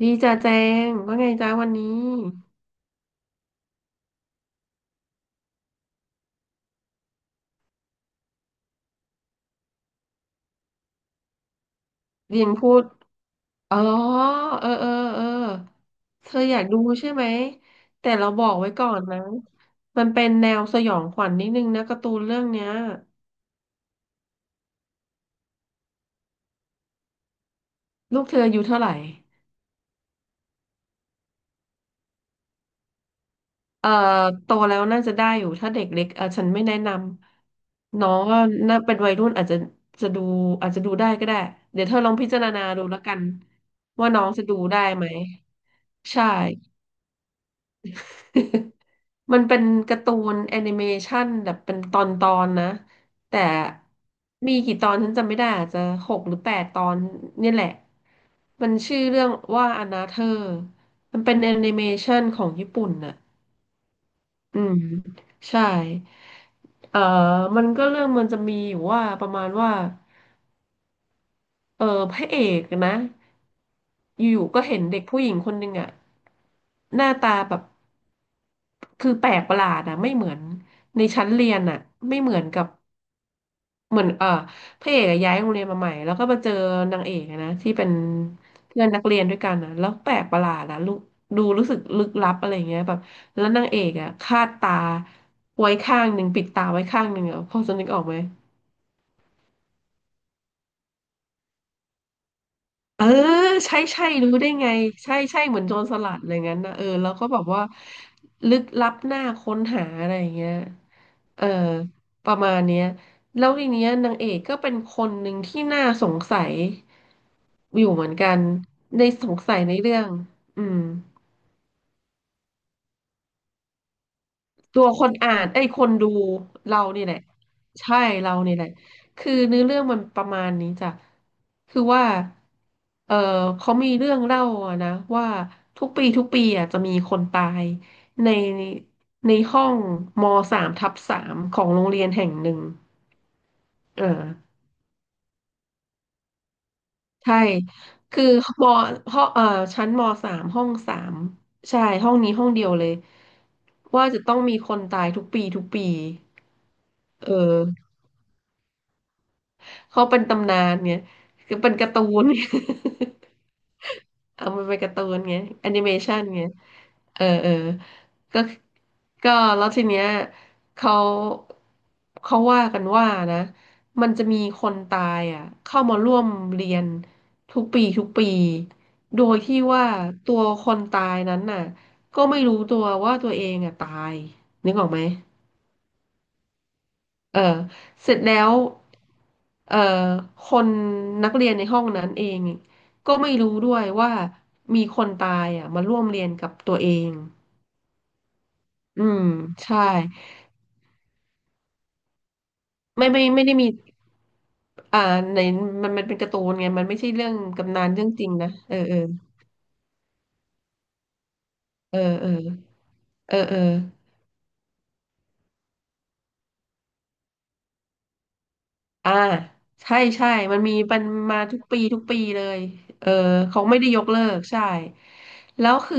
ดีจ้าแจงว่าไงจ้าวันนี้เรียงพูดอ๋อเออเธออยากดูใช่ไหมแต่เราบอกไว้ก่อนนะมันเป็นแนวสยองขวัญนิดนึงนะการ์ตูนเรื่องเนี้ยลูกเธออายุเท่าไหร่เอ่อโตแล้วน่าจะได้อยู่ถ้าเด็กเล็กเออฉันไม่แนะนำน้องก็น่าเป็นวัยรุ่นอาจจะจะดูอาจจะดูได้ก็ได้เดี๋ยวเธอลองพิจารณาดูแล้วกันว่าน้องจะดูได้ไหมใช่ มันเป็นการ์ตูนแอนิเมชันแบบเป็นตอนตอนนะแต่มีกี่ตอนฉันจำไม่ได้อาจจะหกหรือแปดตอนเนี่ยแหละมันชื่อเรื่องว่าอนาเธอร์มันเป็นแอนิเมชันของญี่ปุ่นน่ะอืมใช่เอ่อมันก็เรื่องมันจะมีอยู่ว่าประมาณว่า เออพระเอกนะอยู่ๆก็เห็นเด็กผู้หญิงคนหนึ่งอะหน้าตาแบบคือแปลกประหลาดอะไม่เหมือนในชั้นเรียนอะไม่เหมือนกับเหมือนเออพระเอกอะย้ายโรงเรียนมาใหม่แล้วก็มาเจอนางเอกอะนะที่เป็นเพื่อนนักเรียนด้วยกันอะแล้วแปลกประหลาดอะลูกดูรู้สึกลึกลับอะไรเงี้ยแบบแล้วนางเอกอะคาดตาไว้ข้างหนึ่งปิดตาไว้ข้างหนึ่งอะพอจะนึกออกไหม เออใช่ใช่รู้ได้ไงใช่ใช่เหมือนโจรสลัดอะไรงั้นนะเออแล้วก็แบบว่าลึกลับหน้าค้นหาอะไรอย่างเงี้ยเออประมาณเนี้ยแล้วทีเนี้ยนางเอกก็เป็นคนหนึ่งที่น่าสงสัยอยู่เหมือนกันในสงสัยในเรื่องอืม ตัวคนอ่านไอ้ยคนดูเรานี่แหละใช่เรานี่แหละคือเนื้อเรื่องมันประมาณนี้จ้ะคือว่าเออเขามีเรื่องเล่าอะนะว่าทุกปีทุกปีอ่ะจะมีคนตายในในห้องมสามทับสามของโรงเรียนแห่งหนึ่งเออใช่คือมห้องชั้นมสามห้องสามใช่ห้องนี้ห้องเดียวเลยว่าจะต้องมีคนตายทุกปีทุกปีเออ เขาเป็นตำนานไงคือเป็นการ์ตูนไง เอามันเป็นการ์ตูนไงแอนิเมชันไงเออก็ก็แล้วทีเนี้ยเขาเขาว่ากันว่านะ มันจะมีคนตายอ่ะเข้ามาร่วมเรียนทุกปีทุกปี โดยที่ว่าตัวคนตายนั้นน่ะก็ไม่รู้ตัวว่าตัวเองอ่ะตายนึกออกไหม เออเสร็จแล้วเอ่อคนนักเรียนในห้องนั้นเองก็ไม่รู้ด้วยว่ามีคนตายอ่ะมาร่วมเรียนกับตัวเองอืมใช่ไม่ไม่ได้มีอ่าในมันมันเป็นการ์ตูนไงมันไม่ใช่เรื่องกำนานเรื่องจริงนะเออเออเออเออเออเออ อ่าใช่ใช่มันมาทุกปีทุกปีเลยเออเขาไม่ได้ยกเลิกใช่แล้วคือ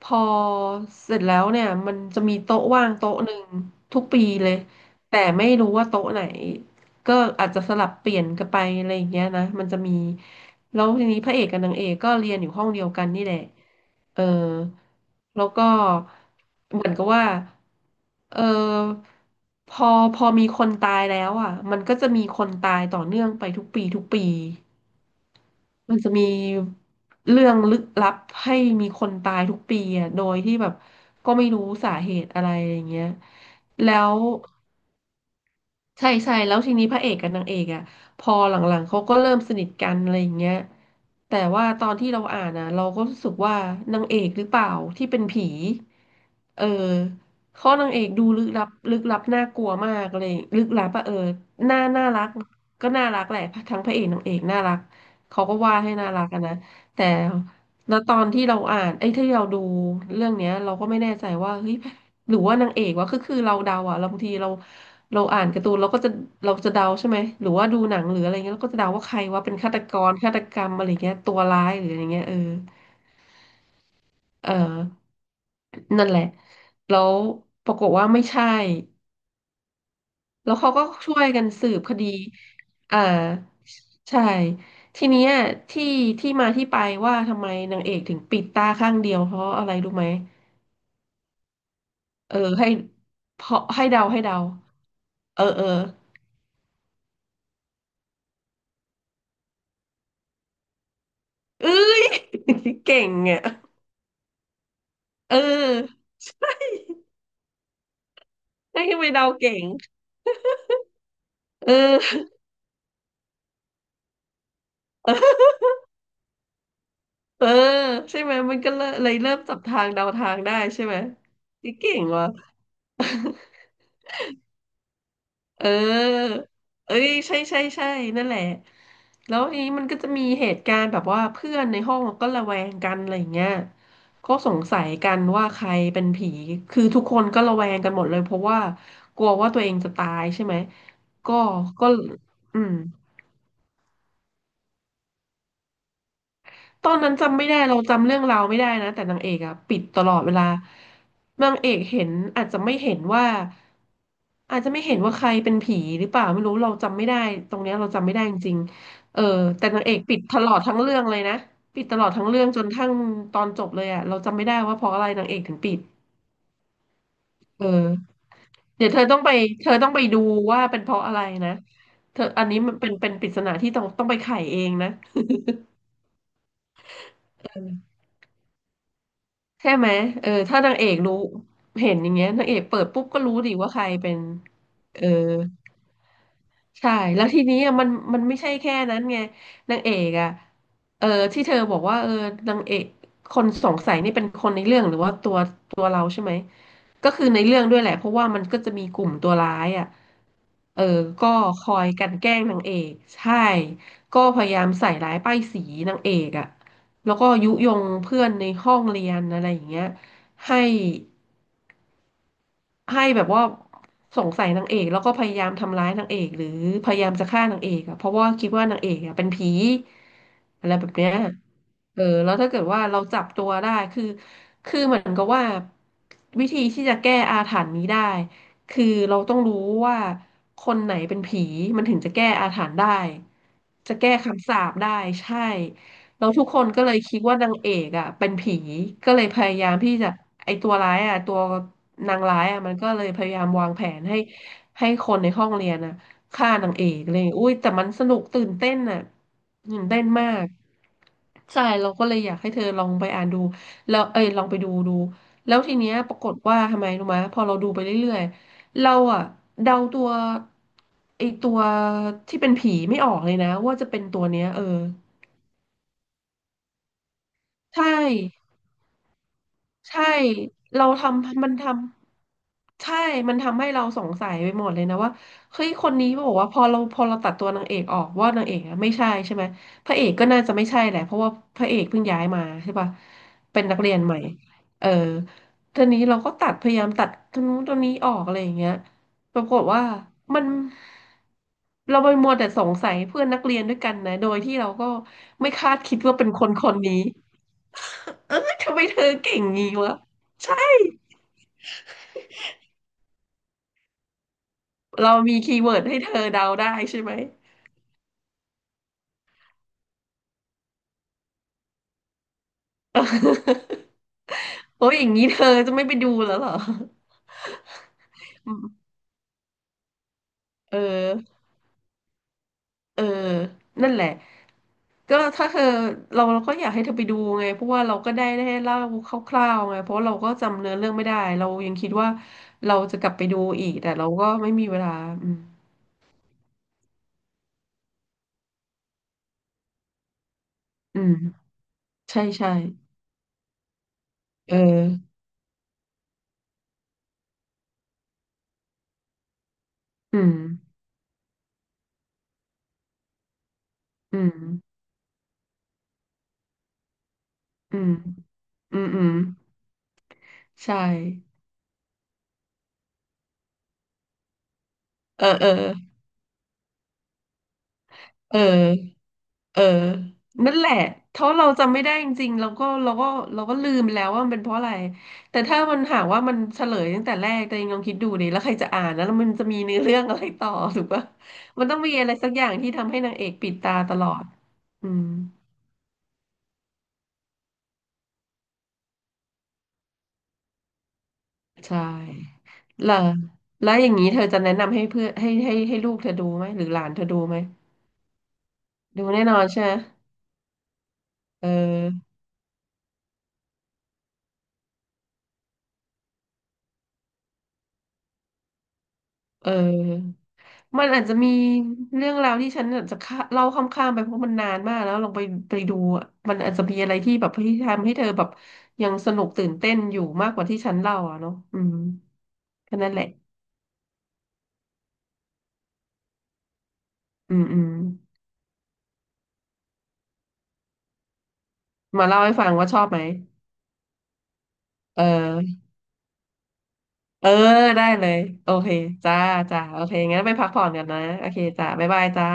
พอเสร็จแล้วเนี่ยมันจะมีโต๊ะว่างโต๊ะหนึ่งทุกปีเลยแต่ไม่รู้ว่าโต๊ะไหนก็อาจจะสลับเปลี่ยนกันไปอะไรอย่างเงี้ยนะมันจะมีแล้วทีนี้พระเอกกับนางเอกก็เรียนอยู่ห้องเดียวกันนี่แหละ เออแล้วก็เหมือนกับว่าเออพอพอมีคนตายแล้วอ่ะมันก็จะมีคนตายต่อเนื่องไปทุกปีทุกปีมันจะมีเรื่องลึกลับให้มีคนตายทุกปีอ่ะโดยที่แบบก็ไม่รู้สาเหตุอะไรอย่างเงี้ยแล้ว ใช่ใช่แล้วทีนี้พระเอกกับนางเอกอ่ะพอหลังๆเขาก็เริ่มสนิทกันอะไรอย่างเงี้ยแต่ว่าตอนที่เราอ่านอ่ะเราก็รู้สึกว่านางเอกหรือเปล่าที่เป็นผีเออข้อนางเอกดูลึกลับลึกลับน่ากลัวมากเลยลึกลับอะเออน่าน่ารักก็น่ารักแหละทั้งพระเอกนางเอกน่ารักเขาก็วาดให้น่ารักอะนะแต่แล้วตอนที่เราอ่านไอ้ยที่เราดูเรื่องเนี้ยเราก็ไม่แน่ใจว่าเฮ้ยหรือว่านางเอกวะคือเราเดาอะเราบางทีเรา เราอ่านการ์ตูนเราก็จะเราจะเดาใช่ไหมหรือว่าดูหนังหรืออะไรเงี้ยเราก็จะเดาว่าใครว่าเป็นฆาตกรฆาตกรรมอะไรเงี้ยตัวร้ายหรืออะไรเงี้ยเออนั่นแหละแล้วปรากฏว่าไม่ใช่แล้วเขาก็ช่วยกันสืบคดีอ่าใช่ทีเนี้ยที่ที่มาที่ไปว่าทำไมนางเอกถึงปิดตาข้างเดียวเพราะอะไรรู้ไหมเออให้เพราะให้เดาเออเอ้ย เก่งอ่ะเออให้ไปเดาเก่ง เออ เออใช่ไหมมันก็เลยเริ่มจับทางเดาทางได้ใช่ไหมนี่เก่งว่ะ เออเอ้ยใช่ใช่ใช่นั่นแหละแล้วทีนี้มันก็จะมีเหตุการณ์แบบว่าเพื่อนในห้องก็ระแวงกันอะไรอย่างเงี้ยก็สงสัยกันว่าใครเป็นผีคือทุกคนก็ระแวงกันหมดเลยเพราะว่ากลัวว่าตัวเองจะตายใช่ไหมก็ก็อืม ตอนนั้นจำไม่ได้เราจำเรื่องราวไม่ได้นะแต่นางเอกอะปิดตลอดเวลานางเอกเห็นอาจจะไม่เห็นว่าอาจจะไม่เห็นว่าใครเป็นผีหรือเปล่าไม่รู้เราจำไม่ได้ตรงเนี้ยเราจำไม่ได้จริงๆเออแต่นางเอกปิดตลอดทั้งเรื่องเลยนะปิดตลอดทั้งเรื่องจนทั้งตอนจบเลยอะเราจำไม่ได้ว่าเพราะอะไรนางเอกถึงปิดเออเดี๋ยวเธอต้องไปเธอต้องไปดูว่าเป็นเพราะอะไรนะเธออันนี้มันเป็นปริศนาที่ต้องไปไขเองนะ ใช่ไหมเออถ้านางเอกรู้เห็นอย่างเงี้ยนางเอกเปิดปุ๊บก็รู้ดิว่าใครเป็นเออ ใช่แล้วทีนี้อะมันไม่ใช่แค่นั้นไงนางเอกอ่ะเออที่เธอบอกว่าเออนางเอกคนสงสัยนี่เป็นคนในเรื่องหรือว่าตัวตัวเราใช่ไหมก็คือในเรื่องด้วยแหละเพราะว่ามันก็จะมีกลุ่มตัวร้ายอ่ะเออก็คอยกลั่นแกล้งนางเอกใช่ก็พยายามใส่ร้ายป้ายสีนางเอกอ่ะแล้วก็ยุยงเพื่อนในห้องเรียนอะไรอย่างเงี้ยให้ ให้แบบว่าสงสัยนางเอกแล้วก็พยายามทำร้ายนางเอกหรือพยายามจะฆ่านางเอกอะเพราะว่าคิดว่านางเอกอะเป็นผีอะไรแบบเนี้ยเออแล้วถ้าเกิดว่าเราจับตัวได้คือคือเหมือนกับว่าวิธีที่จะแก้อาถรรพ์นี้ได้คือเราต้องรู้ว่าคนไหนเป็นผีมันถึงจะแก้อาถรรพ์ได้จะแก้คำสาปได้ใช่ แล้วทุกคนก็เลยคิดว่านางเอกอ่ะเป็นผีก็เลยพยายามที่จะไอตัวร้ายอ่ะตัวนางร้ายอ่ะมันก็เลยพยายามวางแผนให้คนในห้องเรียนอ่ะฆ่านางเอกเลยอุ้ยแต่มันสนุกตื่นเต้นอ่ะตื่นเต้นมากใช่เราก็เลยอยากให้เธอลองไปอ่านดูแล้วเอ้ยลองไปดูดูแล้วทีเนี้ยปรากฏว่าทำไมรู้ไหมพอเราดูไปเรื่อยๆเราอ่ะเดาตัวไอตัวที่เป็นผีไม่ออกเลยนะว่าจะเป็นตัวเนี้ยเออใช่ ใช่เราทำมันทำใช่มันทำให้เราสงสัยไปหมดเลยนะว่าเฮ้ยคนนี้บอกว่าพอเราตัดตัวนางเอกออกว่านางเอกอะไม่ใช่ใช่ไหมพระเอกก็น่าจะไม่ใช่แหละเพราะว่าพระเอกเพิ่งย้ายมาใช่ป่ะเป็นนักเรียนใหม่เออทีนี้เราก็ตัดพยายามตัดตรงนู้นตรงนี้ออกอะไรอย่างเงี้ยปรากฏว่ามันเราไปมัวแต่สงสัยเพื่อนนักเรียนด้วยกันนะโดยที่เราก็ไม่คาดคิดว่าเป็นคนคนนี้ เออทำไมเธอเก่งงี้วะใช่เรามีคีย์เวิร์ดให้เธอเดาได้ใช่ไหมเออโอ้ยอย่างนี้เธอจะไม่ไปดูแล้วเหรออืมเออเออนั่นแหละก็ถ้าเธอเราก็อยากให้เธอไปดูไงเพราะว่าเราก็ได้เล่าคร่าวๆไงเพราะเราก็จำเนื้อเรื่องไม่ได้เรายังคิดว่าเราจะกลับไปดูอีกแต่เราก็ไม่มีเวลาอืมอืมใช่ใช่เอออืมอืมอืมอืมอืม ใช่เออเออเออเออนั่นแหละถ้าเราจำไม่ได้จริงๆ เราก็ลืมไปแล้วว่ามันเป็นเพราะอะไรแต่ถ้ามันหากว่ามันเฉลยตั้งแต่แรกตัวเองลองคิดดูดิแล้วใครจะอ่านนะแล้วมันจะมีเนื้อเรื่องอะไรต่อ ถูกปะมันต้องมีอะไรสักอย่างที่ทำให้นางเอกปิดตาตลอดอืมใช่แล้วแล้วอย่างนี้เธอจะแนะนำให้เพื่อนให้ลูกเธอดูไหมหรือหลานเธอดูไหมดูแน่นอนใช่ไหมเออเออ มันอาจจะมีเรื่องราวที่ฉันอาจจะข้าเล่าข้ามๆไปเพราะมันนานมากแล้วลองไปไปดูอะมันอาจจะมีอะไรที่แบบที่ทำให้เธอแบบยังสนุกตื่นเต้นอยู่มากกว่าที่ฉันเล่าอ่ะเนาะอืมแค่นั้นแหละอืมอืมมาเล่าให้ฟังว่าชอบไหมเออเออได้เลยโอเคจ้าจ้าโอเคงั้นไปพักผ่อนกันนะโอเคจ้าบ๊ายบายจ้า